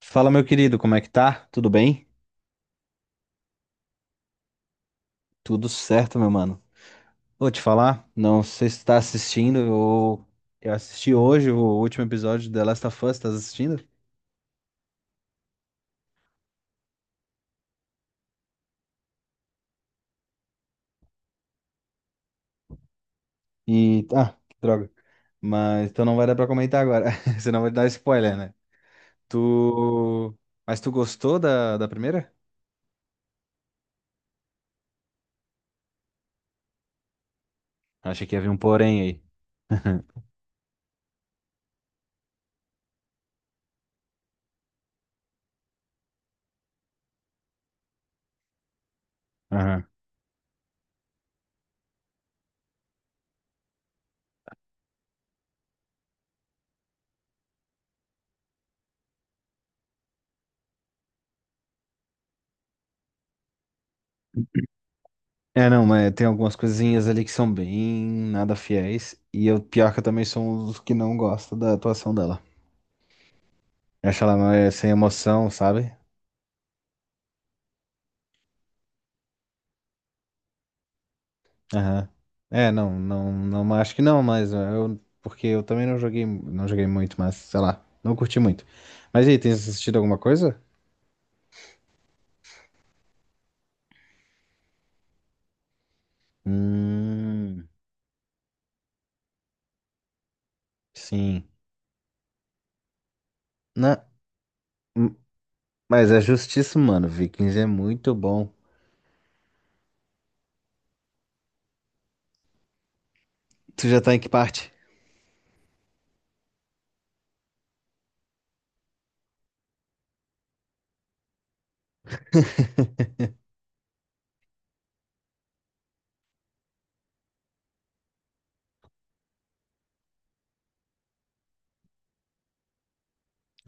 Fala, meu querido, como é que tá? Tudo bem? Tudo certo, meu mano. Vou te falar, não sei se tá assistindo, eu assisti hoje o último episódio de The Last of Us, estás assistindo? E, ah, que droga. Mas, então não vai dar pra comentar agora, senão vai dar spoiler, né? Tu... Mas tu gostou da primeira? Achei que havia um porém aí. Aham. É, não, mas tem algumas coisinhas ali que são bem nada fiéis, e eu, pior que eu também sou um dos que não gosta da atuação dela. Eu acho ela mais sem emoção, sabe? Aham. É, não, não, não, acho que não, mas porque eu também não joguei, não joguei muito, mas sei lá, não curti muito. Mas e aí, tem assistido alguma coisa? Hum, sim. Na, hum, mas é justíssimo, mano. Vikings é muito bom. Tu já tá em que parte?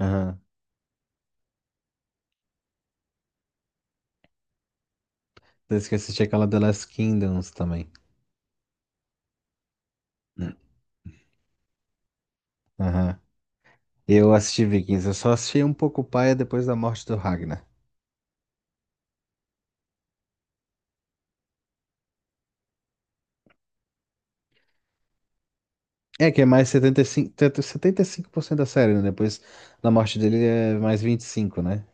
Aham. Desde que eu assisti aquela The Last Kingdoms também. Hum. Aham. Eu assisti Vikings, eu só assisti um pouco paia depois da morte do Ragnar. É que é mais 75% da série, né? Depois da morte dele é mais 25, né?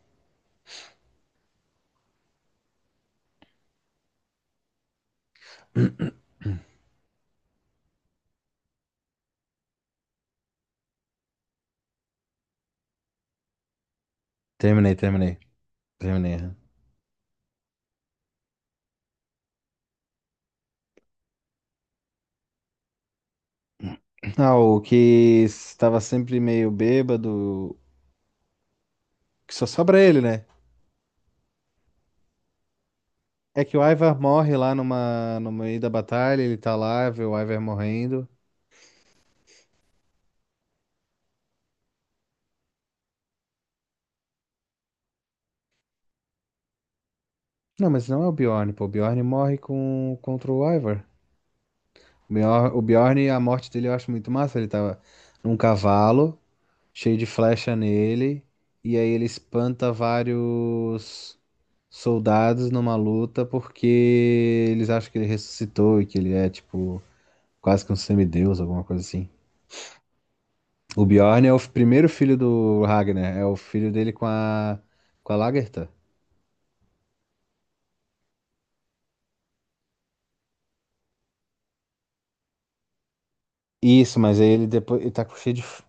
Terminei, terminei. Terminei. Aham. Ah, o que estava sempre meio bêbado, que só sobra ele, né? É que o Ivar morre lá numa, no meio da batalha, ele tá lá, vê o Ivar morrendo. Não, mas não é o Bjorn, pô. O Bjorn morre com, contra o Ivar. O Bjorn, a morte dele eu acho muito massa. Ele tava num cavalo, cheio de flecha nele, e aí ele espanta vários soldados numa luta porque eles acham que ele ressuscitou e que ele é tipo quase que um semideus, alguma coisa assim. O Bjorn é o primeiro filho do Ragnar, é o filho dele com a Lagertha. Isso, mas aí ele depois ele tá com cheio de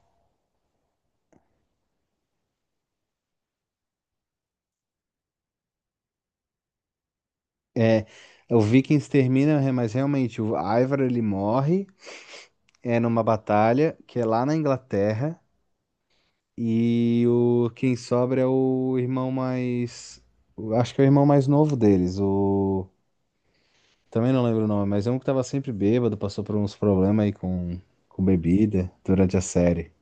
é, o Vikings termina, mas realmente o Ivar ele morre é numa batalha que é lá na Inglaterra. E o quem sobra é o irmão mais. O- Acho que é o irmão mais novo deles. O. Também não lembro o nome, mas é um que tava sempre bêbado, passou por uns problemas aí com bebida durante a série.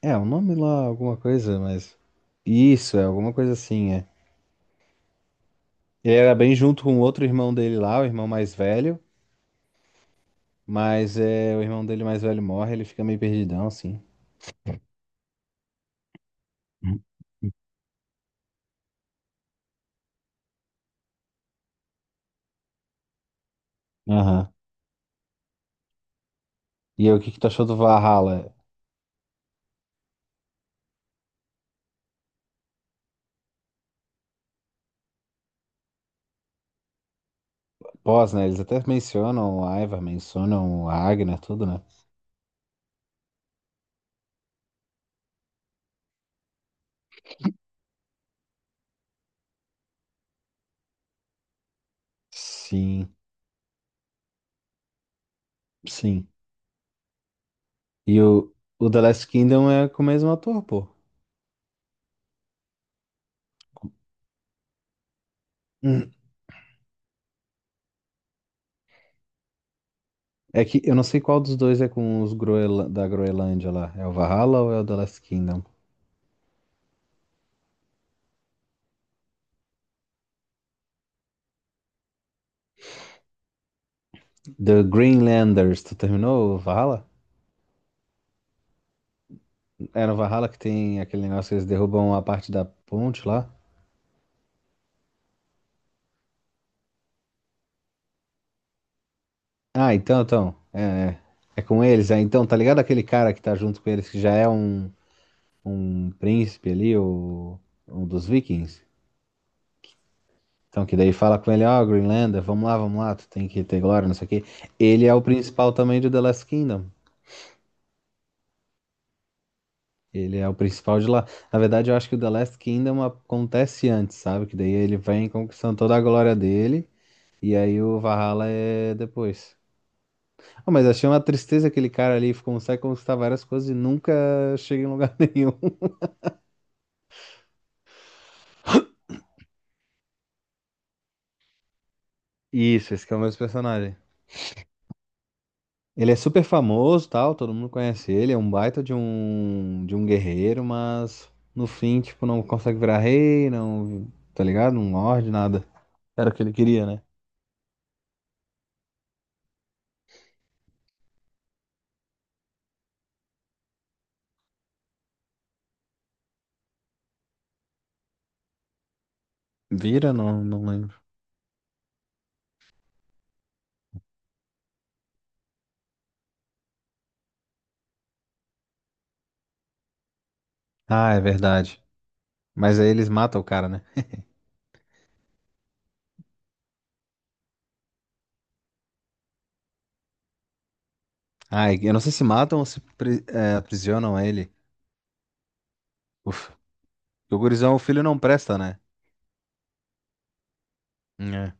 É, o nome lá, alguma coisa, mas. Isso, é alguma coisa assim, é. Ele era bem junto com o outro irmão dele lá, o irmão mais velho, mas é, o irmão dele mais velho morre, ele fica meio perdidão, assim. Uhum. Aham. E aí, o que que tu achou do Valhalla? Pós, né? Eles até mencionam o Ivar, mencionam a Ragnar, tudo, né? Sim, sim. E o The Last Kingdom é com o mesmo ator, pô. Hum. É que eu não sei qual dos dois é com os da Groenlândia lá. É o Valhalla ou é o The Last Kingdom? The Greenlanders. Tu terminou o Valhalla? Era o Valhalla que tem aquele negócio que eles derrubam a parte da ponte lá? Ah, então, então. É, é. É com eles. É, então, tá ligado aquele cara que tá junto com eles que já é um príncipe ali, o, um dos vikings. Então, que daí fala com ele, ó, Greenlander, vamos lá, tu tem que ter glória, não sei o quê. Ele é o principal também de The Last Kingdom. Ele é o principal de lá. Na verdade, eu acho que o The Last Kingdom acontece antes, sabe? Que daí ele vem conquistando toda a glória dele, e aí o Valhalla é depois. Ah, mas achei uma tristeza aquele cara ali, consegue conquistar várias coisas e nunca chega em lugar nenhum. Isso, esse que é o mesmo personagem. Ele é super famoso, tal, todo mundo conhece ele, é um baita de um guerreiro, mas no fim, tipo, não consegue virar rei, não, tá ligado? Não lorde nada. Era o que ele queria, né? Vira? Não, não lembro. Ah, é verdade. Mas aí eles matam o cara, né? Ah, eu não sei se matam ou se é, aprisionam ele. Uf. O gurizão, o filho não presta, né? É.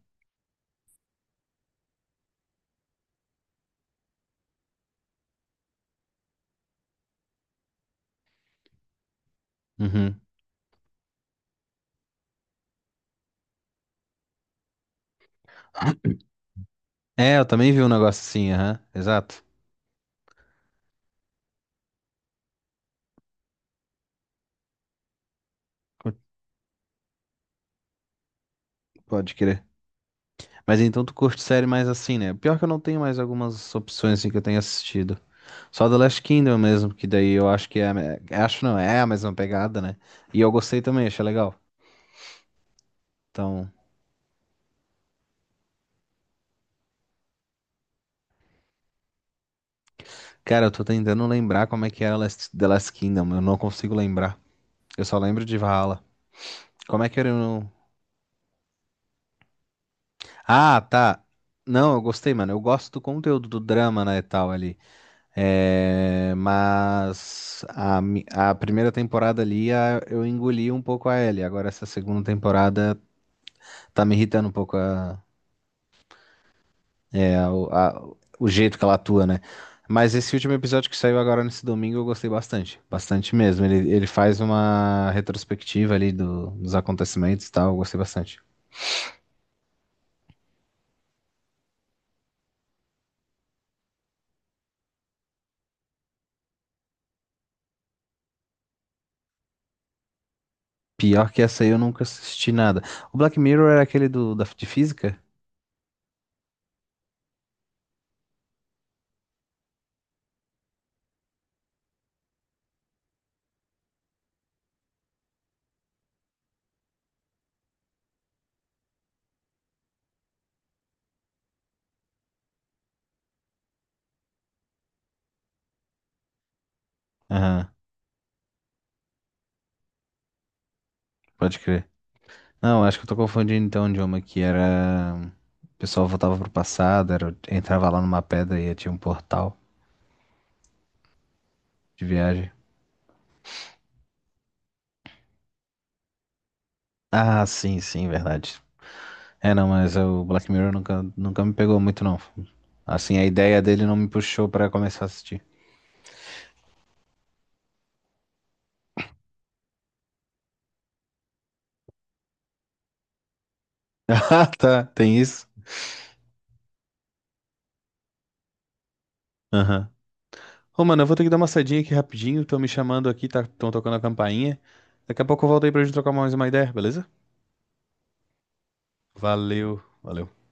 Uhum. É, eu também vi um negócio assim, aham. Exato. Co- Pode crer. Mas então tu curte série mais assim, né? Pior que eu não tenho mais algumas opções assim que eu tenho assistido. Só The Last Kingdom mesmo, que daí eu acho que é. A me- Acho não, é a mesma pegada, né? E eu gostei também, achei legal. Então, cara, eu tô tentando lembrar como é que era The Last Kingdom. Eu não consigo lembrar. Eu só lembro de Valhalla. Como é que era o. Ah, tá. Não, eu gostei, mano. Eu gosto do conteúdo do drama, né, e tal ali. É, mas a primeira temporada ali eu engoli um pouco a Ellie. Agora essa segunda temporada tá me irritando um pouco o jeito que ela atua, né? Mas esse último episódio que saiu agora nesse domingo eu gostei bastante. Bastante mesmo. Ele faz uma retrospectiva ali dos acontecimentos e tal. Eu gostei bastante. Pior que essa aí eu nunca assisti nada. O Black Mirror era aquele de física? Aham, pode crer. Não, acho que eu tô confundindo então o idioma que era. O pessoal voltava pro passado, entrava lá numa pedra e tinha um portal de viagem. Ah, sim, sim, verdade. É, não, mas o Black Mirror nunca, nunca me pegou muito, não. Assim, a ideia dele não me puxou pra começar a assistir. Ah, tá, tem isso? Aham. Ô, mano, eu vou ter que dar uma saidinha aqui rapidinho, estão me chamando aqui, tá, estão tocando a campainha. Daqui a pouco eu volto aí pra gente trocar mais uma ideia, beleza? Valeu, valeu.